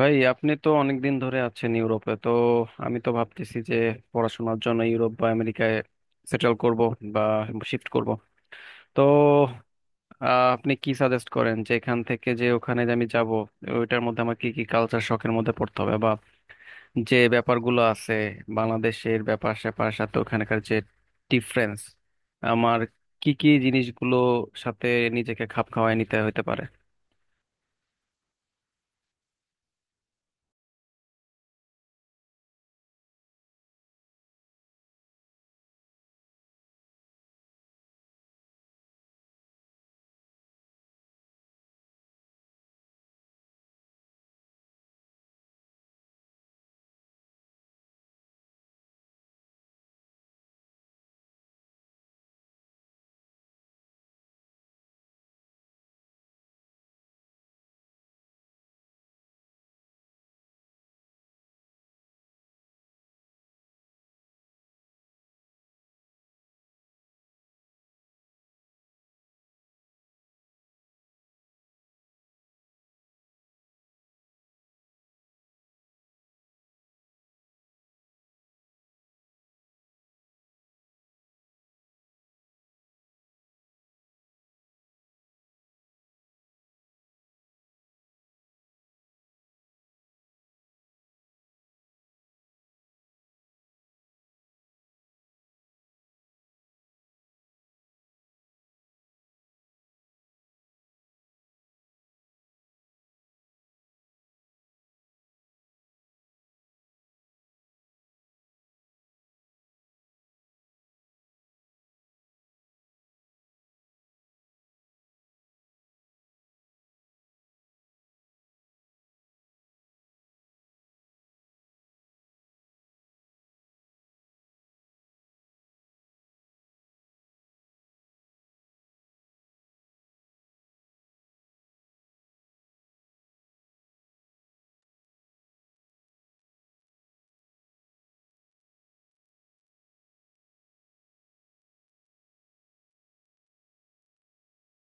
ভাই আপনি তো অনেকদিন ধরে আছেন ইউরোপে। তো আমি তো ভাবতেছি যে পড়াশোনার জন্য ইউরোপ বা আমেরিকায় সেটেল করব বা শিফট করব। তো আপনি কি সাজেস্ট করেন যে এখান থেকে যে ওখানে যে আমি যাব ওইটার মধ্যে আমার কি কি কালচার শখের মধ্যে পড়তে হবে বা যে ব্যাপারগুলো আছে, বাংলাদেশের ব্যাপার স্যাপার সাথে ওখানকার যে ডিফারেন্স, আমার কি কি জিনিসগুলো সাথে নিজেকে খাপ খাওয়ায় নিতে হতে পারে।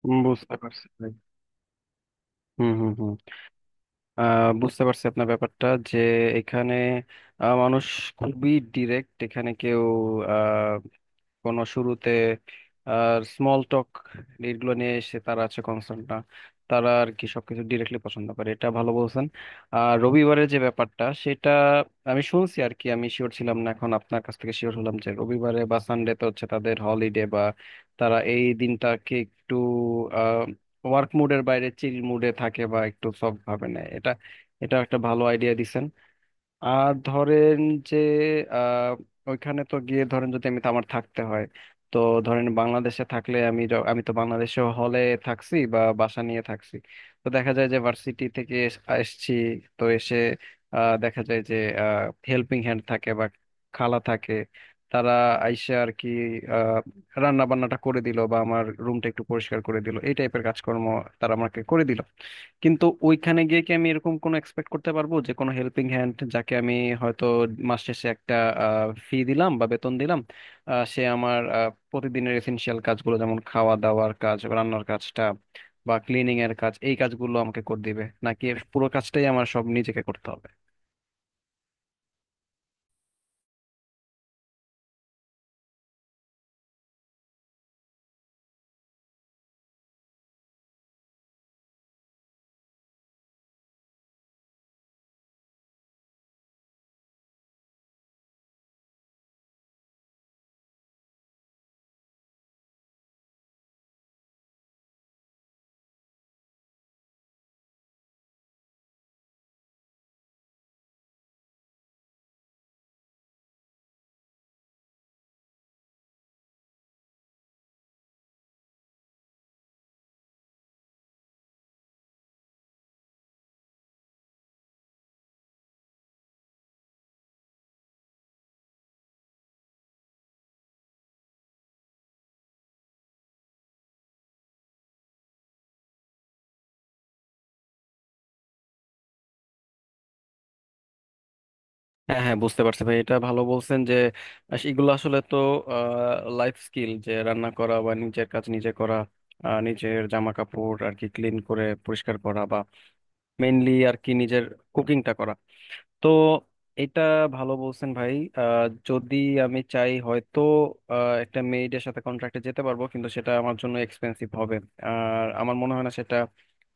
বুঝতে পারছি ভাই। হুম হুম হুম। বুঝতে পারছি আপনার ব্যাপারটা, যে এখানে মানুষ খুবই ডিরেক্ট। এখানে কেউ কোনো শুরুতে আর স্মল টক এইগুলো নিয়ে এসে তারা আছে কনসার্ন না, তারা আর কি সবকিছু ডিরেক্টলি পছন্দ করে। এটা ভালো বলছেন। আর রবিবারের যে ব্যাপারটা, সেটা আমি শুনছি আর কি, আমি শিওর ছিলাম না, এখন আপনার কাছ থেকে শিওর হলাম যে রবিবারে বা সানডে তো হচ্ছে তাদের হলিডে, বা তারা এই দিনটাকে একটু আহ ওয়ার্ক মুডের বাইরে চিল মুডে থাকে বা একটু সফট ভাবে নেয় এটা। এটা একটা ভালো আইডিয়া দিছেন। আর ধরেন যে আহ ওইখানে তো গিয়ে ধরেন যদি আমি আমার থাকতে হয়, তো ধরেন বাংলাদেশে থাকলে আমি আমি তো বাংলাদেশে হলে থাকছি বা বাসা নিয়ে থাকছি। তো দেখা যায় যে ভার্সিটি থেকে এসছি, তো এসে দেখা যায় যে হেল্পিং হ্যান্ড থাকে বা খালা থাকে, তারা আইসে আর কি রান্না বান্নাটা করে দিল বা আমার রুমটা একটু পরিষ্কার করে দিল, এই টাইপের কাজকর্ম তারা আমাকে করে দিল। কিন্তু ওইখানে গিয়ে কি আমি এরকম কোনো এক্সপেক্ট করতে পারবো যে কোনো হেল্পিং হ্যান্ড যাকে আমি হয়তো মাস শেষে একটা ফি দিলাম বা বেতন দিলাম, সে আমার প্রতিদিনের এসেনশিয়াল কাজগুলো যেমন খাওয়া দাওয়ার কাজ, রান্নার কাজটা বা ক্লিনিং এর কাজ, এই কাজগুলো আমাকে করে দিবে, নাকি এর পুরো কাজটাই আমার সব নিজেকে করতে হবে। হ্যাঁ হ্যাঁ, বুঝতে পারছি ভাই। এটা ভালো বলছেন যে এগুলো আসলে তো লাইফ স্কিল, যে রান্না করা বা নিজের কাজ নিজে করা, নিজের জামা কাপড় আর কি ক্লিন করে পরিষ্কার করা, মেইনলি আর কি নিজের কুকিংটা করা। তো এটা ভালো বলছেন ভাই। যদি আমি চাই হয়তো একটা মেইডের সাথে কন্ট্রাক্টে যেতে পারবো, কিন্তু সেটা আমার জন্য এক্সপেন্সিভ হবে। আর আমার মনে হয় না সেটা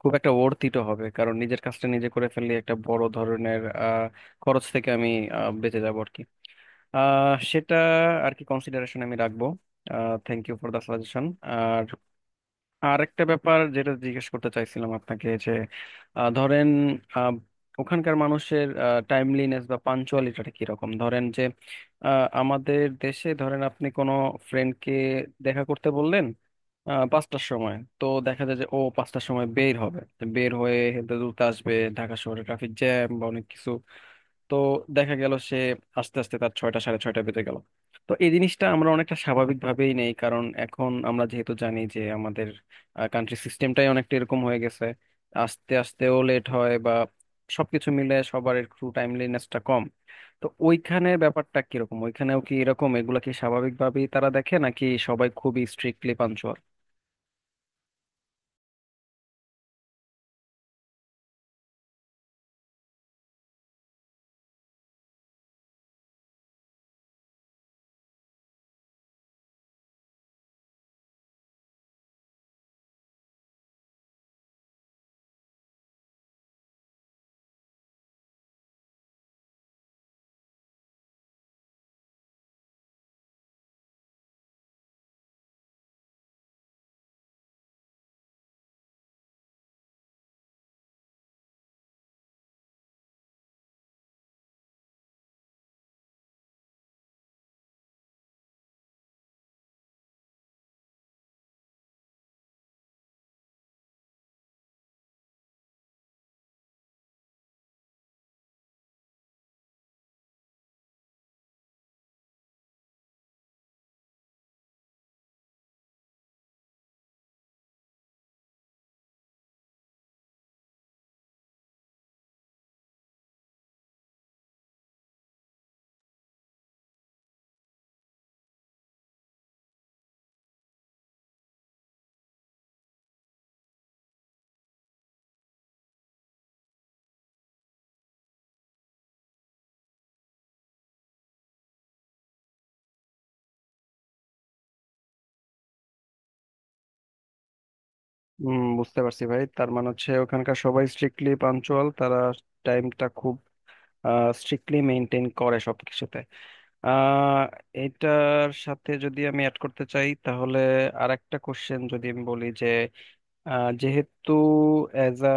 খুব একটা ওর্থিটও হবে, কারণ নিজের কাজটা নিজে করে ফেললে একটা বড় ধরনের খরচ থেকে আমি বেঁচে যাবো আর কি। সেটা আর কি কনসিডারেশন আমি রাখবো। Thank you for the suggestion. আর আর একটা ব্যাপার যেটা জিজ্ঞেস করতে চাইছিলাম আপনাকে, যে ধরেন আহ, ওখানকার মানুষের টাইমলিনেস বা পাঞ্চুয়ালিটিটা কিরকম। ধরেন যে আমাদের দেশে ধরেন আপনি কোনো ফ্রেন্ডকে দেখা করতে বললেন পাঁচটার সময়, তো দেখা যায় যে ও পাঁচটার সময় বের হবে, তো বের হয়ে হেলতে দুলতে আসবে, ঢাকা শহরে ট্রাফিক জ্যাম বা অনেক কিছু, তো দেখা গেল সে আস্তে আস্তে তার ছয়টা সাড়ে ছয়টা বেজে গেল। তো এই জিনিসটা আমরা অনেকটা স্বাভাবিকভাবেই নেই, কারণ এখন আমরা যেহেতু জানি যে আমাদের কান্ট্রি সিস্টেমটাই অনেকটা এরকম হয়ে গেছে, আস্তে আস্তেও লেট হয় বা সবকিছু মিলে সবার একটু টাইমলিনেসটা কম। তো ওইখানে ব্যাপারটা কিরকম? ওইখানেও কি এরকম এগুলা কি স্বাভাবিকভাবেই তারা দেখে, নাকি সবাই খুবই স্ট্রিক্টলি পাঞ্চুয়াল? হুম, বুঝতে পারছি ভাই। তার মানে হচ্ছে ওখানকার সবাই স্ট্রিক্টলি পাঞ্চুয়াল, তারা টাইমটা খুব স্ট্রিক্টলি মেনটেন করে সবকিছুতে। আহ এটার সাথে যদি আমি অ্যাড করতে চাই, তাহলে আর একটা কোশ্চেন যদি আমি বলি যে যেহেতু অ্যাজ আ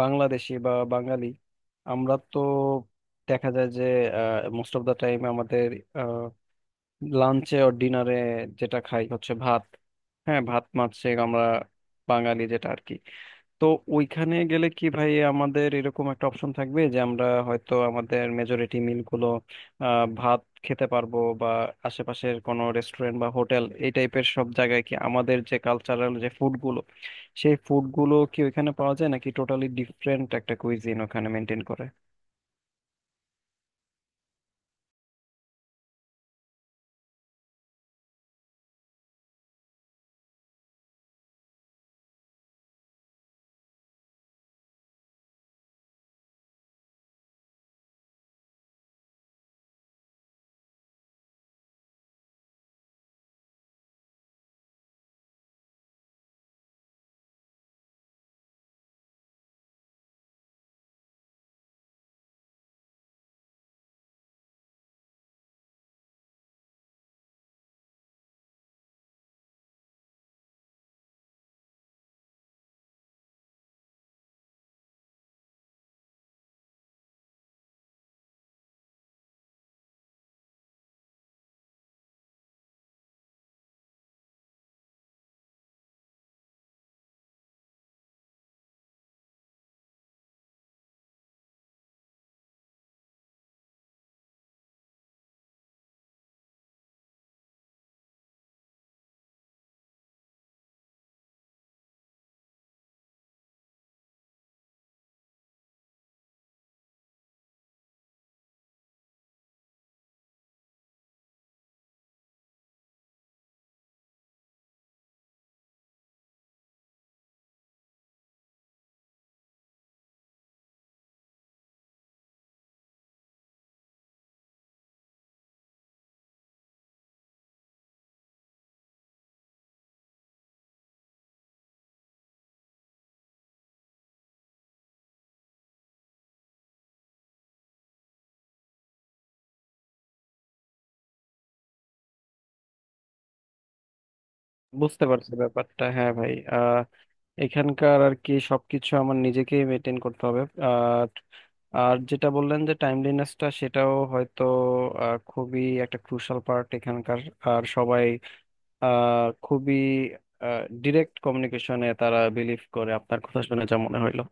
বাংলাদেশি বা বাঙালি, আমরা তো দেখা যায় যে মোস্ট অফ দা টাইম আমাদের লাঞ্চে ও ডিনারে যেটা খাই হচ্ছে ভাত। হ্যাঁ, ভাত মাছ সে আমরা বাঙালি, যেটা আর কি। তো ওইখানে গেলে কি ভাই আমাদের এরকম একটা অপশন থাকবে যে আমরা হয়তো আমাদের মেজরিটি মিলগুলো ভাত খেতে পারবো, বা আশেপাশের কোনো রেস্টুরেন্ট বা হোটেল এই টাইপের সব জায়গায় কি আমাদের যে কালচারাল যে ফুডগুলো, সেই ফুডগুলো কি ওইখানে পাওয়া যায়, নাকি টোটালি ডিফারেন্ট একটা কুইজিন ওখানে মেনটেন করে? বুঝতে পারছি ব্যাপারটা, হ্যাঁ ভাই। এখানকার আর কি সবকিছু আমার নিজেকেই মেনটেন করতে হবে। আর আর যেটা বললেন যে টাইমলিনেসটা, সেটাও হয়তো খুবই একটা ক্রুশাল পার্ট এখানকার। আর সবাই খুবই ডিরেক্ট কমিউনিকেশনে তারা বিলিভ করে। আপনার কথা শুনে যা মনে হইলো।